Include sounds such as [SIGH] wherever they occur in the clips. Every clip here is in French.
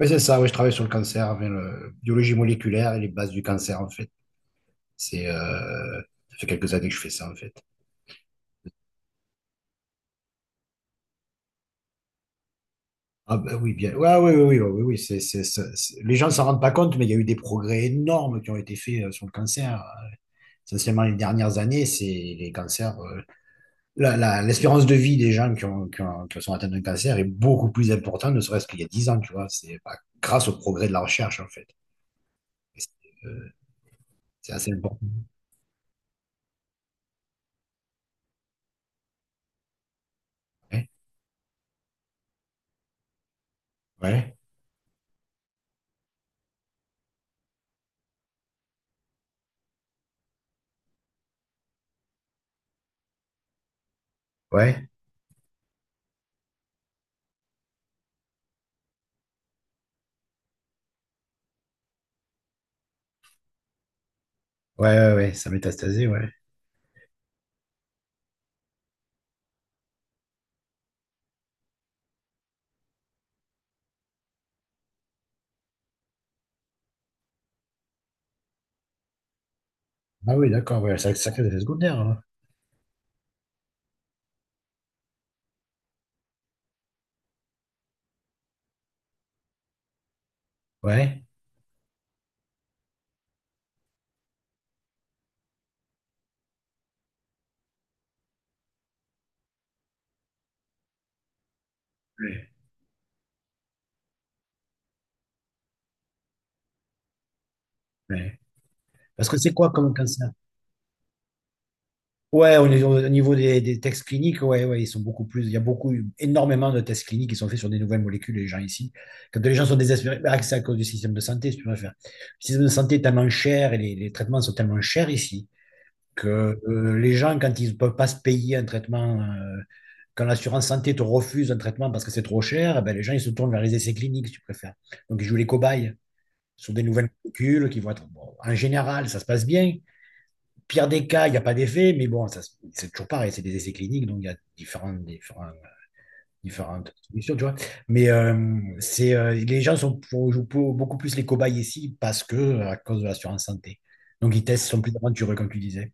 Oui, c'est ça, oui, je travaille sur le cancer, avec la biologie moléculaire et les bases du cancer, en fait. C'est, euh, Ça fait quelques années que je fais ça, en fait. Ah ben oui, bien. Ouais, oui, oui, oui, oui, oui, oui, les gens ne s'en rendent pas compte, mais il y a eu des progrès énormes qui ont été faits sur le cancer. Essentiellement, les dernières années, c'est les cancers. L'espérance de vie des gens qui sont atteints d'un cancer est beaucoup plus importante, ne serait-ce qu'il y a 10 ans, tu vois. Grâce au progrès de la recherche, en fait. Et C'est euh, c'est assez important. Ouais, ouais, ouais, ouais, ouais, ouais, ouais, ça métastasé, ouais. Ah oui, d'accord, ouais, c'est sacré effet secondaire, hein. Ouais, ouais, ouais. Parce que c'est quoi comme cancer? Ouais, au niveau des tests cliniques, ouais, ouais, ils sont beaucoup plus. Il y a beaucoup, énormément de tests cliniques qui sont faits sur des nouvelles molécules, les gens ici. Quand les gens sont désespérés, bah, c'est à cause du système de santé, si tu préfères. Le système de santé est tellement cher et les traitements sont tellement chers ici que les gens, quand ils ne peuvent pas se payer un traitement, quand l'assurance santé te refuse un traitement parce que c'est trop cher, eh ben, les gens ils se tournent vers les essais cliniques, si tu préfères. Donc ils jouent les cobayes sur des nouvelles molécules qui vont être, bon, en général, ça se passe bien. Pire des cas, il n'y a pas d'effet, mais bon, ça c'est toujours pareil, c'est des essais cliniques, donc il y a différentes solutions, tu vois. Mais les gens sont beaucoup plus les cobayes ici à cause de l'assurance santé. Donc, ils testent, sont plus aventureux, comme tu disais.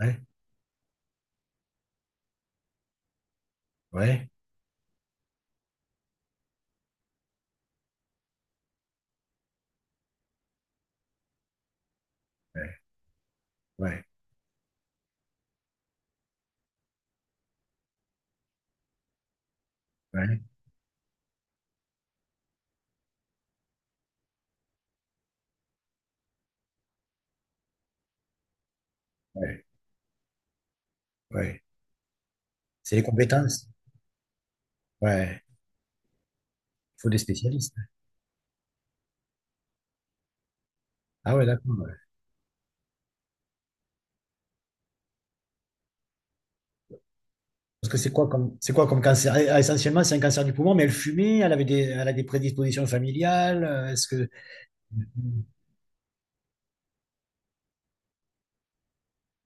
Ouais, ouais, ouais, ouais, ouais, ouais, ouais. C'est les compétences. Ouais, il faut des spécialistes. Ah ouais, d'accord. Parce que c'est quoi comme cancer? Essentiellement, c'est un cancer du poumon, mais elle fumait, elle avait des, elle a des prédispositions familiales. Est-ce que.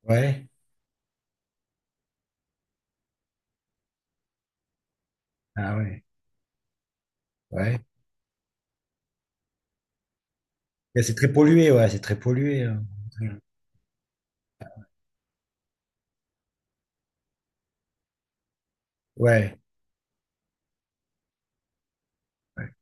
Ouais. Ah ouais. Ouais. Et c'est très pollué, ouais, c'est très pollué. Ouais. Ouais.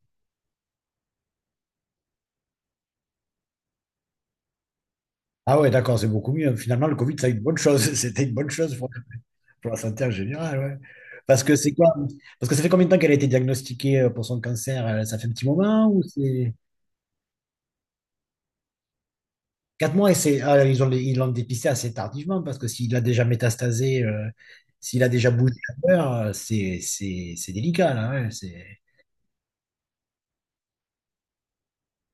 Ah ouais, d'accord, c'est beaucoup mieux. Finalement, le Covid, ça a une bonne chose. [LAUGHS] C'était une bonne chose pour la santé en général, ouais. Parce que c'est quoi? Parce que ça fait combien de temps qu'elle a été diagnostiquée pour son cancer? Ça fait un petit moment ou c'est. 4 mois, et ils l'ont dépisté assez tardivement parce que s'il a déjà métastasé, s'il a déjà bougé ailleurs, c'est délicat, là, hein.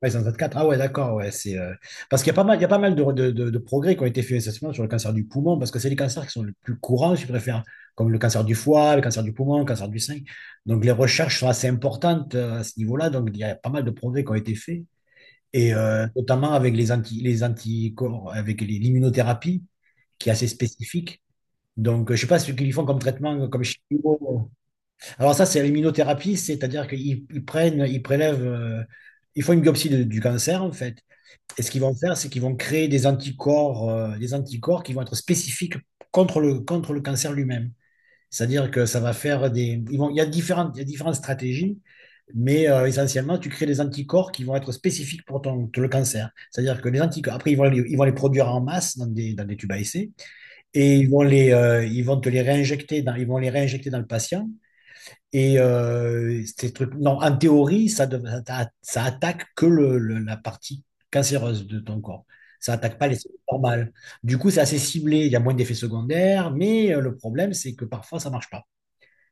Ouais, ils en traitent quatre. Ah ouais, d'accord, ouais. Parce qu'il y a pas mal, il y a pas mal de progrès qui ont été faits essentiellement sur le cancer du poumon parce que c'est les cancers qui sont les plus courants, je préfère, comme le cancer du foie, le cancer du poumon, le cancer du sein. Donc les recherches sont assez importantes à ce niveau-là, donc il y a pas mal de progrès qui ont été faits. Et notamment avec les anticorps, avec l'immunothérapie, qui est assez spécifique. Donc, je ne sais pas ce qu'ils font comme traitement, comme chimio. Alors ça, c'est l'immunothérapie, c'est-à-dire qu'ils ils prennent, ils prélèvent, ils font une biopsie du cancer, en fait. Et ce qu'ils vont faire, c'est qu'ils vont créer des anticorps, qui vont être spécifiques contre contre le cancer lui-même. C'est-à-dire que ça va faire des. Il y a différentes, stratégies, mais essentiellement, tu crées des anticorps qui vont être spécifiques pour le cancer. C'est-à-dire que les anticorps, après, ils vont les produire en masse dans dans des tubes à essai, et ils vont les réinjecter dans le patient. Et ces trucs, non, en théorie, ça attaque que la partie cancéreuse de ton corps. Ça attaque pas les cellules normales. Du coup, c'est assez ciblé, il y a moins d'effets secondaires, mais le problème, c'est que parfois, ça marche pas.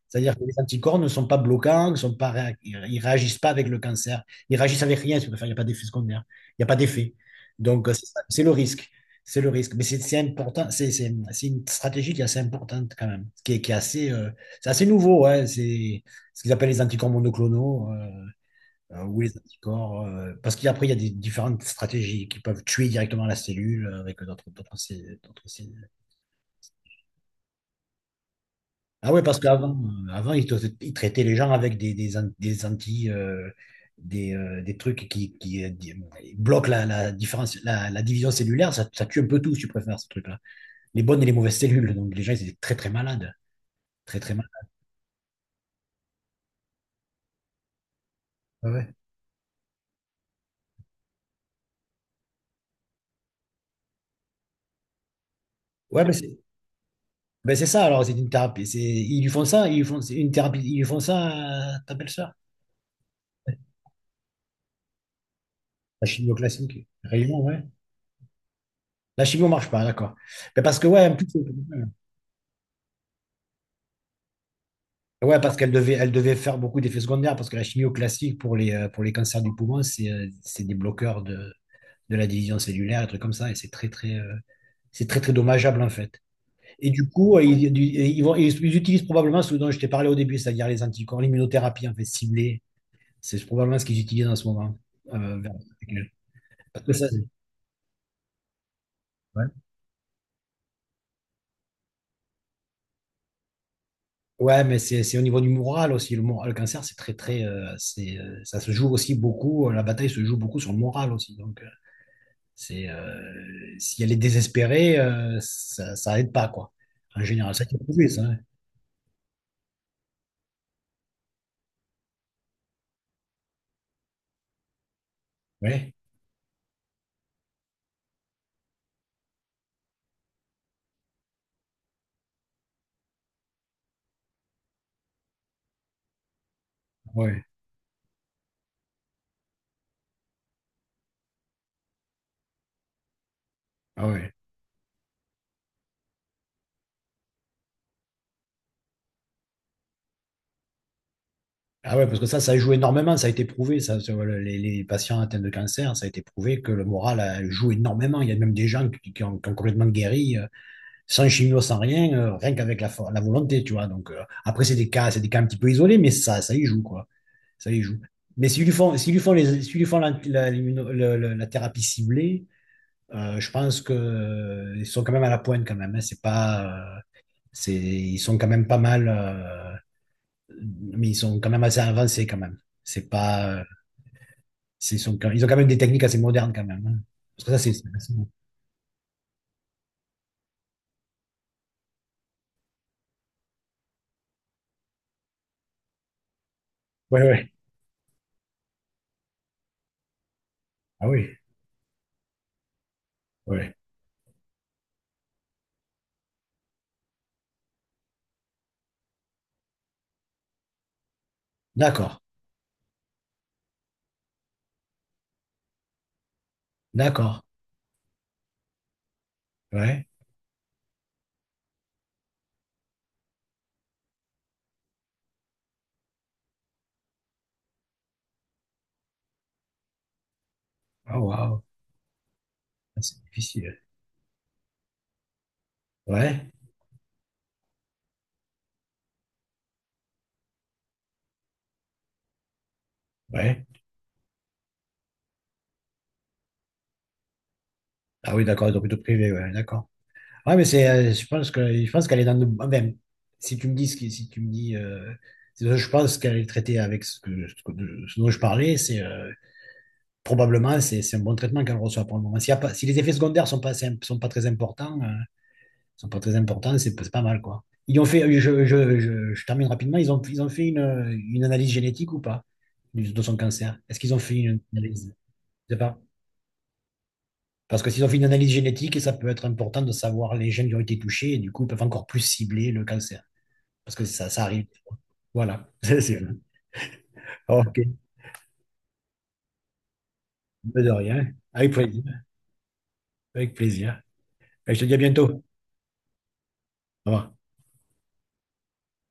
C'est-à-dire que les anticorps ne sont pas bloquants, ne sont pas réa- ils ne réagissent pas avec le cancer. Ils réagissent avec rien, si vous préférez. Il n'y a pas d'effet secondaire. Il n'y a pas d'effet. Donc, c'est ça, c'est le risque. C'est le risque. Mais c'est important. C'est une stratégie qui est assez importante, quand même. Qui est assez, c'est assez nouveau, hein. C'est ce qu'ils appellent les anticorps monoclonaux, ou les anticorps. Parce qu'après, il y a des différentes stratégies qui peuvent tuer directement la cellule, avec d'autres cellules. Ah ouais, parce qu'avant, ils traitaient les gens avec des trucs bloquent la division cellulaire. Ça tue un peu tout, si tu préfères, ce truc-là. Les bonnes et les mauvaises cellules. Donc, les gens, ils étaient très, très malades. Très, très malades. Ouais, ouais. Ouais, mais c'est ben, c'est ça, alors, c'est une thérapie. Ils lui font ça, ils lui font, c'est une thérapie, ils lui font ça, t'appelles ça? La chimio classique. Réellement, ouais. La chimio marche pas, d'accord. Mais parce que, ouais, en plus, ouais, parce qu'elle devait faire beaucoup d'effets secondaires, parce que la chimio classique pour les cancers du poumon, c'est des bloqueurs de la division cellulaire, des trucs comme ça, et c'est très, très dommageable en fait. Et du coup, ils, du- ils vont, ils utilisent probablement ce dont je t'ai parlé au début, c'est-à-dire les anticorps, l'immunothérapie en fait ciblée, c'est probablement ce qu'ils utilisent en ce moment. Vers- parce que ça, c'est- Ouais. Ouais, mais c'est au niveau du moral aussi. Le moral, le cancer, c'est très, très. Ça se joue aussi beaucoup. La bataille se joue beaucoup sur le moral aussi. Donc, si elle est désespérée, ça aide pas, quoi. En général, ça a été prouvé, ça, hein. Ouais, ah ouais, ah ouais. Ah ouais, parce que ça joue énormément, ça a été prouvé, ça, sur les patients atteints de cancer, ça a été prouvé que le moral joue énormément. Il y a même des gens qui ont complètement guéri, sans chimio, sans rien, rien qu'avec la volonté, tu vois. Donc, après, c'est des cas un petit peu isolés, mais ça, y joue, quoi. Ça y joue. Mais s'ils lui font la, la- l'immuno- le- la thérapie ciblée, je pense que ils sont quand même à la pointe quand même, hein. C'est pas, c'est, ils sont quand même pas mal, mais ils sont quand même assez avancés quand même. C'est pas, ils ont quand même des techniques assez modernes quand même, hein. Parce que ça c'est- Ouais, ouais, ah oui, ouais. D'accord, d'accord, ouais. Oh waouh, c'est difficile. Ouais, ouais. Ah oui, d'accord, ils ont plutôt privé, ouais, d'accord. Ouais, mais je pense qu'elle est dans de, si tu me dis si tu me dis, c'est ça, je pense qu'elle est traitée avec ce dont je parlais, probablement, c'est un bon traitement qu'elle reçoit pour le moment. S'il y a pas, si les effets secondaires sont pas, sont pas très importants, sont pas très importants, c'est pas mal, quoi. Ils ont fait, je termine rapidement, ils ont fait une analyse génétique ou pas, de son cancer? Est-ce qu'ils ont fait une analyse? Je sais pas. Parce que s'ils ont fait une analyse génétique, ça peut être important de savoir les gènes qui ont été touchés et du coup, ils peuvent encore plus cibler le cancer, parce que ça, arrive. Voilà, [LAUGHS] c'est sûr. OK, de rien. Avec plaisir. Avec plaisir. Et je te dis à bientôt. Au revoir.